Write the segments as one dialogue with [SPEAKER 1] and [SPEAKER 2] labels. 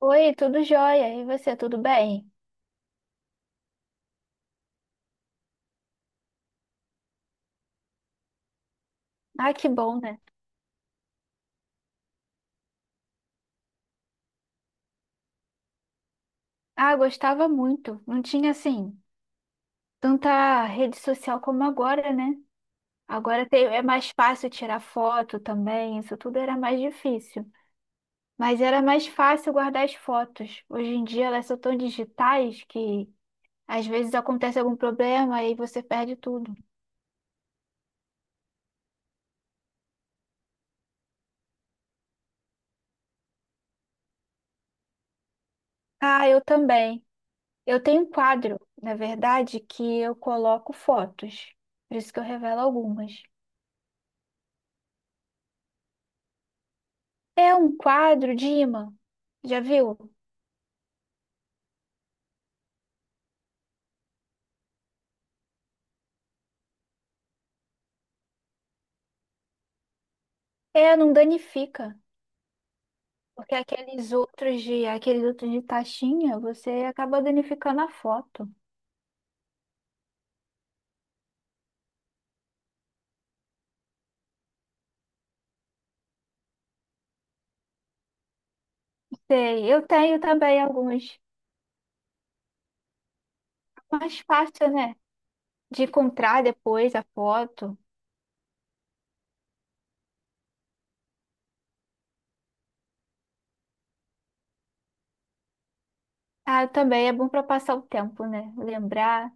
[SPEAKER 1] Oi, tudo jóia? E você, tudo bem? Ah, que bom, né? Ah, gostava muito. Não tinha, assim, tanta rede social como agora, né? É mais fácil tirar foto também, isso tudo era mais difícil. Mas era mais fácil guardar as fotos. Hoje em dia elas são tão digitais que às vezes acontece algum problema e você perde tudo. Ah, eu também. Eu tenho um quadro, na verdade, que eu coloco fotos. Por isso que eu revelo algumas. É um quadro de ímã. Já viu? É, não danifica. Porque aqueles outros de taxinha, você acaba danificando a foto. Sei, eu tenho também alguns. Mais fácil, né? De encontrar depois a foto. Ah, também é bom para passar o tempo, né? Lembrar.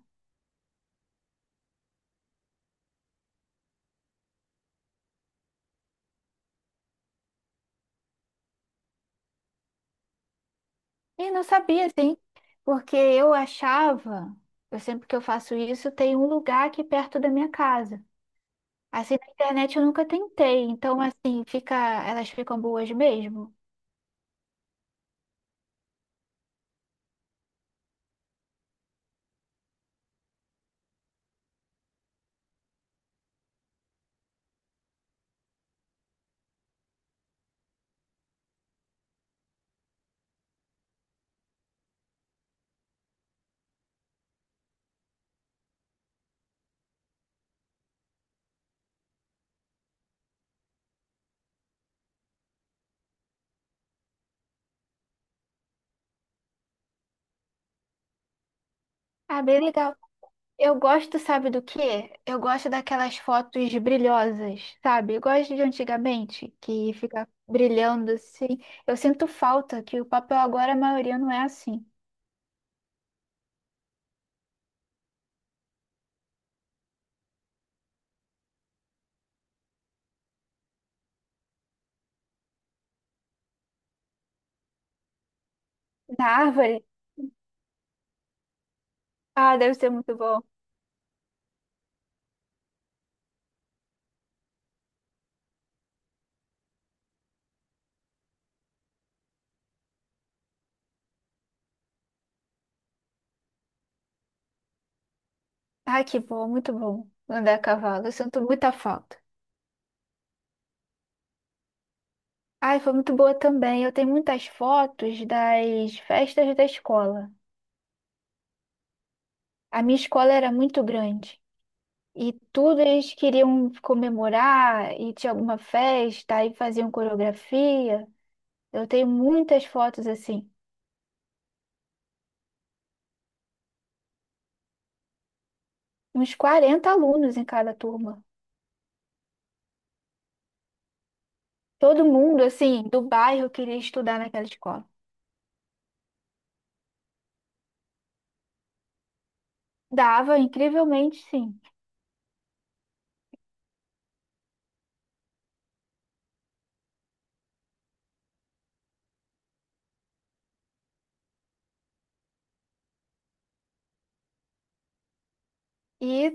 [SPEAKER 1] E não sabia, assim, porque eu achava, eu sempre que eu faço isso, tem um lugar aqui perto da minha casa. Assim, na internet eu nunca tentei, então assim, fica, elas ficam boas mesmo. Ah, bem legal. Eu gosto, sabe do quê? Eu gosto daquelas fotos brilhosas, sabe? Eu gosto de antigamente, que fica brilhando assim. Eu sinto falta que o papel agora a maioria não é assim. Na árvore? Ah, deve ser muito bom. Ai, que bom, muito bom andar a cavalo. Eu sinto muita falta. Ai, foi muito boa também. Eu tenho muitas fotos das festas da escola. A minha escola era muito grande. E tudo eles queriam comemorar, e tinha alguma festa, aí faziam coreografia. Eu tenho muitas fotos assim, uns 40 alunos em cada turma. Todo mundo, assim, do bairro queria estudar naquela escola. Dava, incrivelmente, sim. E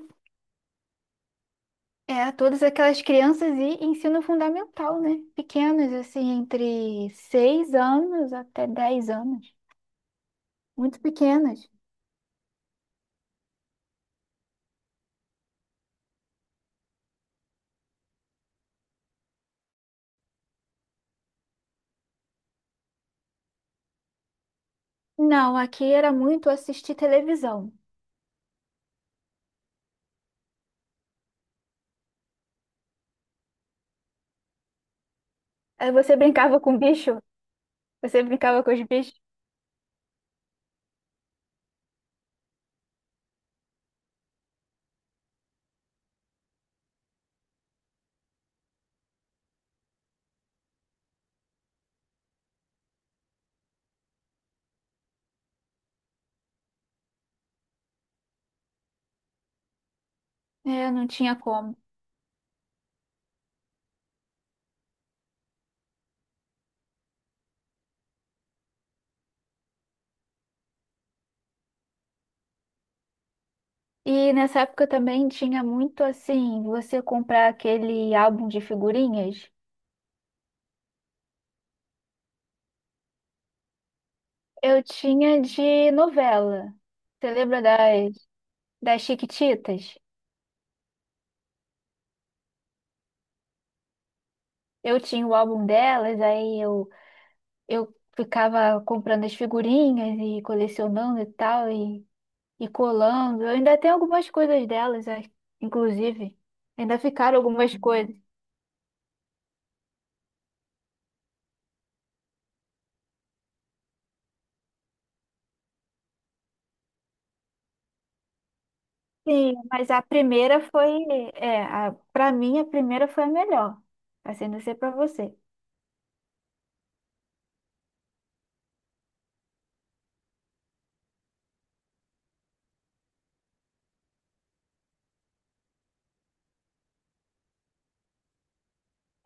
[SPEAKER 1] é, todas aquelas crianças e ensino fundamental, né? Pequenas, assim, entre 6 anos até 10 anos. Muito pequenas. Não, aqui era muito assistir televisão. Aí você brincava com o bicho. Você brincava com os bichos? É, não tinha como. E nessa época também tinha muito assim, você comprar aquele álbum de figurinhas. Eu tinha de novela. Você lembra das Chiquititas? Eu tinha o álbum delas, eu ficava comprando as figurinhas e colecionando e tal, e colando. Eu ainda tenho algumas coisas delas, é, inclusive. Ainda ficaram algumas coisas. Sim, mas a primeira foi, é, a, para mim a primeira foi a melhor, assim, não sei pra você.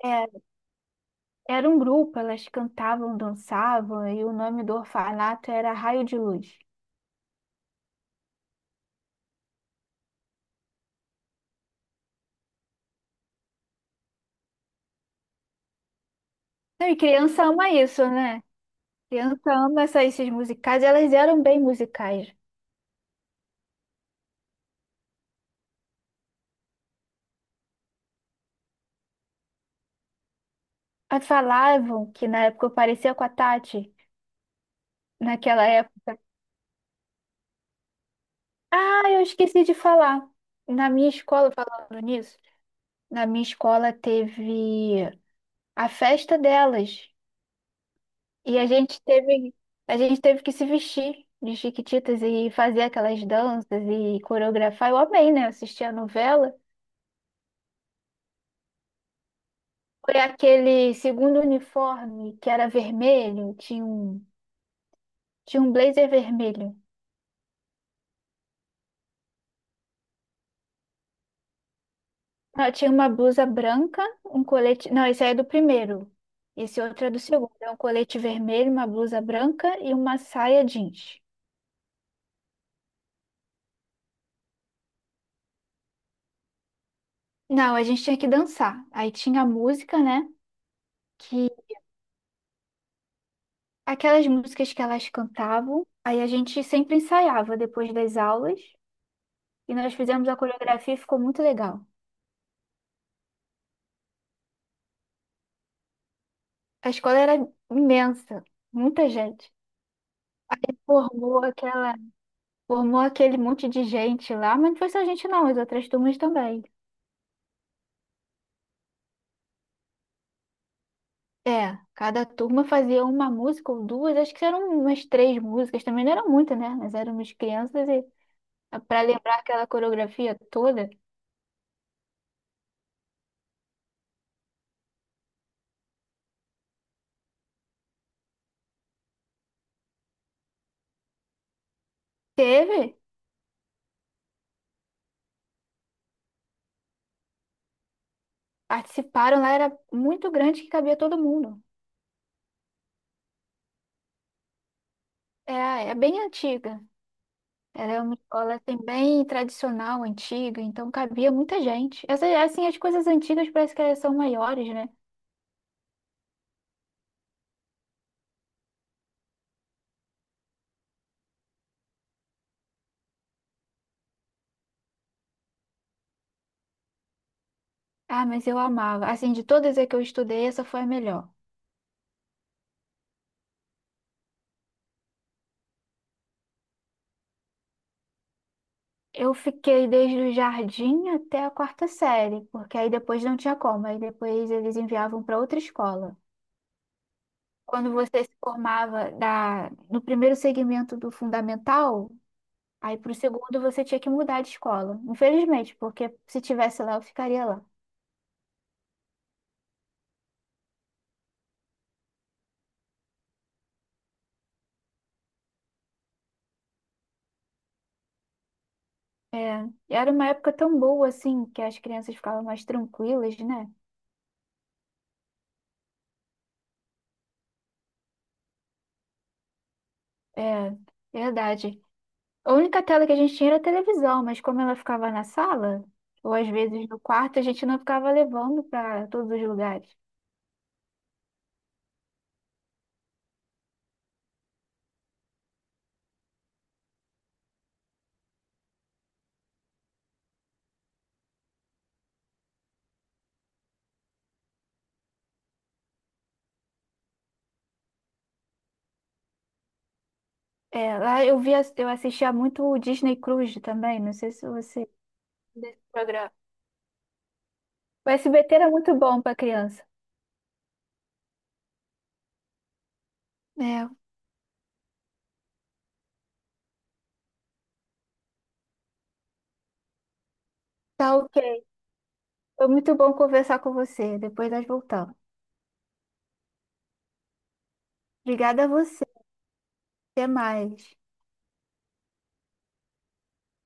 [SPEAKER 1] É, era um grupo, elas cantavam, dançavam, e o nome do orfanato era Raio de Luz. Não, e criança ama isso, né? Criança ama esses musicais, e elas eram bem musicais. Elas falavam que na época eu parecia com a Tati, naquela época. Ah, eu esqueci de falar. Na minha escola, falando nisso, na minha escola teve a festa delas. E a gente teve, a gente teve que se vestir de Chiquititas e fazer aquelas danças e coreografar. Eu amei, né? Assistir a novela. Foi aquele segundo uniforme que era vermelho, tinha um blazer vermelho. Não, tinha uma blusa branca, um colete. Não, esse aí é do primeiro. Esse outro é do segundo. É um colete vermelho, uma blusa branca e uma saia jeans. Não, a gente tinha que dançar. Aí tinha a música, né? Que aquelas músicas que elas cantavam. Aí a gente sempre ensaiava depois das aulas e nós fizemos a coreografia e ficou muito legal. A escola era imensa, muita gente. Formou aquela, Formou aquele monte de gente lá, mas não foi só a gente não, as outras turmas também. É, cada turma fazia uma música ou duas, acho que eram umas três músicas, também não eram muitas, né? Nós éramos crianças e para lembrar aquela coreografia toda, teve, participaram lá, era muito grande que cabia todo mundo. É, é bem antiga. Ela é uma escola assim, bem tradicional, antiga, então cabia muita gente. Essa, assim, as coisas antigas parece que elas são maiores, né? Ah, mas eu amava. Assim, de todas as que eu estudei, essa foi a melhor. Eu fiquei desde o jardim até a quarta série, porque aí depois não tinha como, aí depois eles enviavam para outra escola. Quando você se formava da, no primeiro segmento do fundamental, aí para o segundo você tinha que mudar de escola. Infelizmente, porque se tivesse lá, eu ficaria lá. É, era uma época tão boa assim, que as crianças ficavam mais tranquilas, né? É, verdade. A única tela que a gente tinha era a televisão, mas como ela ficava na sala, ou às vezes no quarto, a gente não ficava levando para todos os lugares. É, lá eu via, eu assistia muito o Disney Cruise também, não sei se você desse programa. O SBT era muito bom para criança. É, tá ok. Foi muito bom conversar com você. Depois nós voltamos. Obrigada a você. Até mais.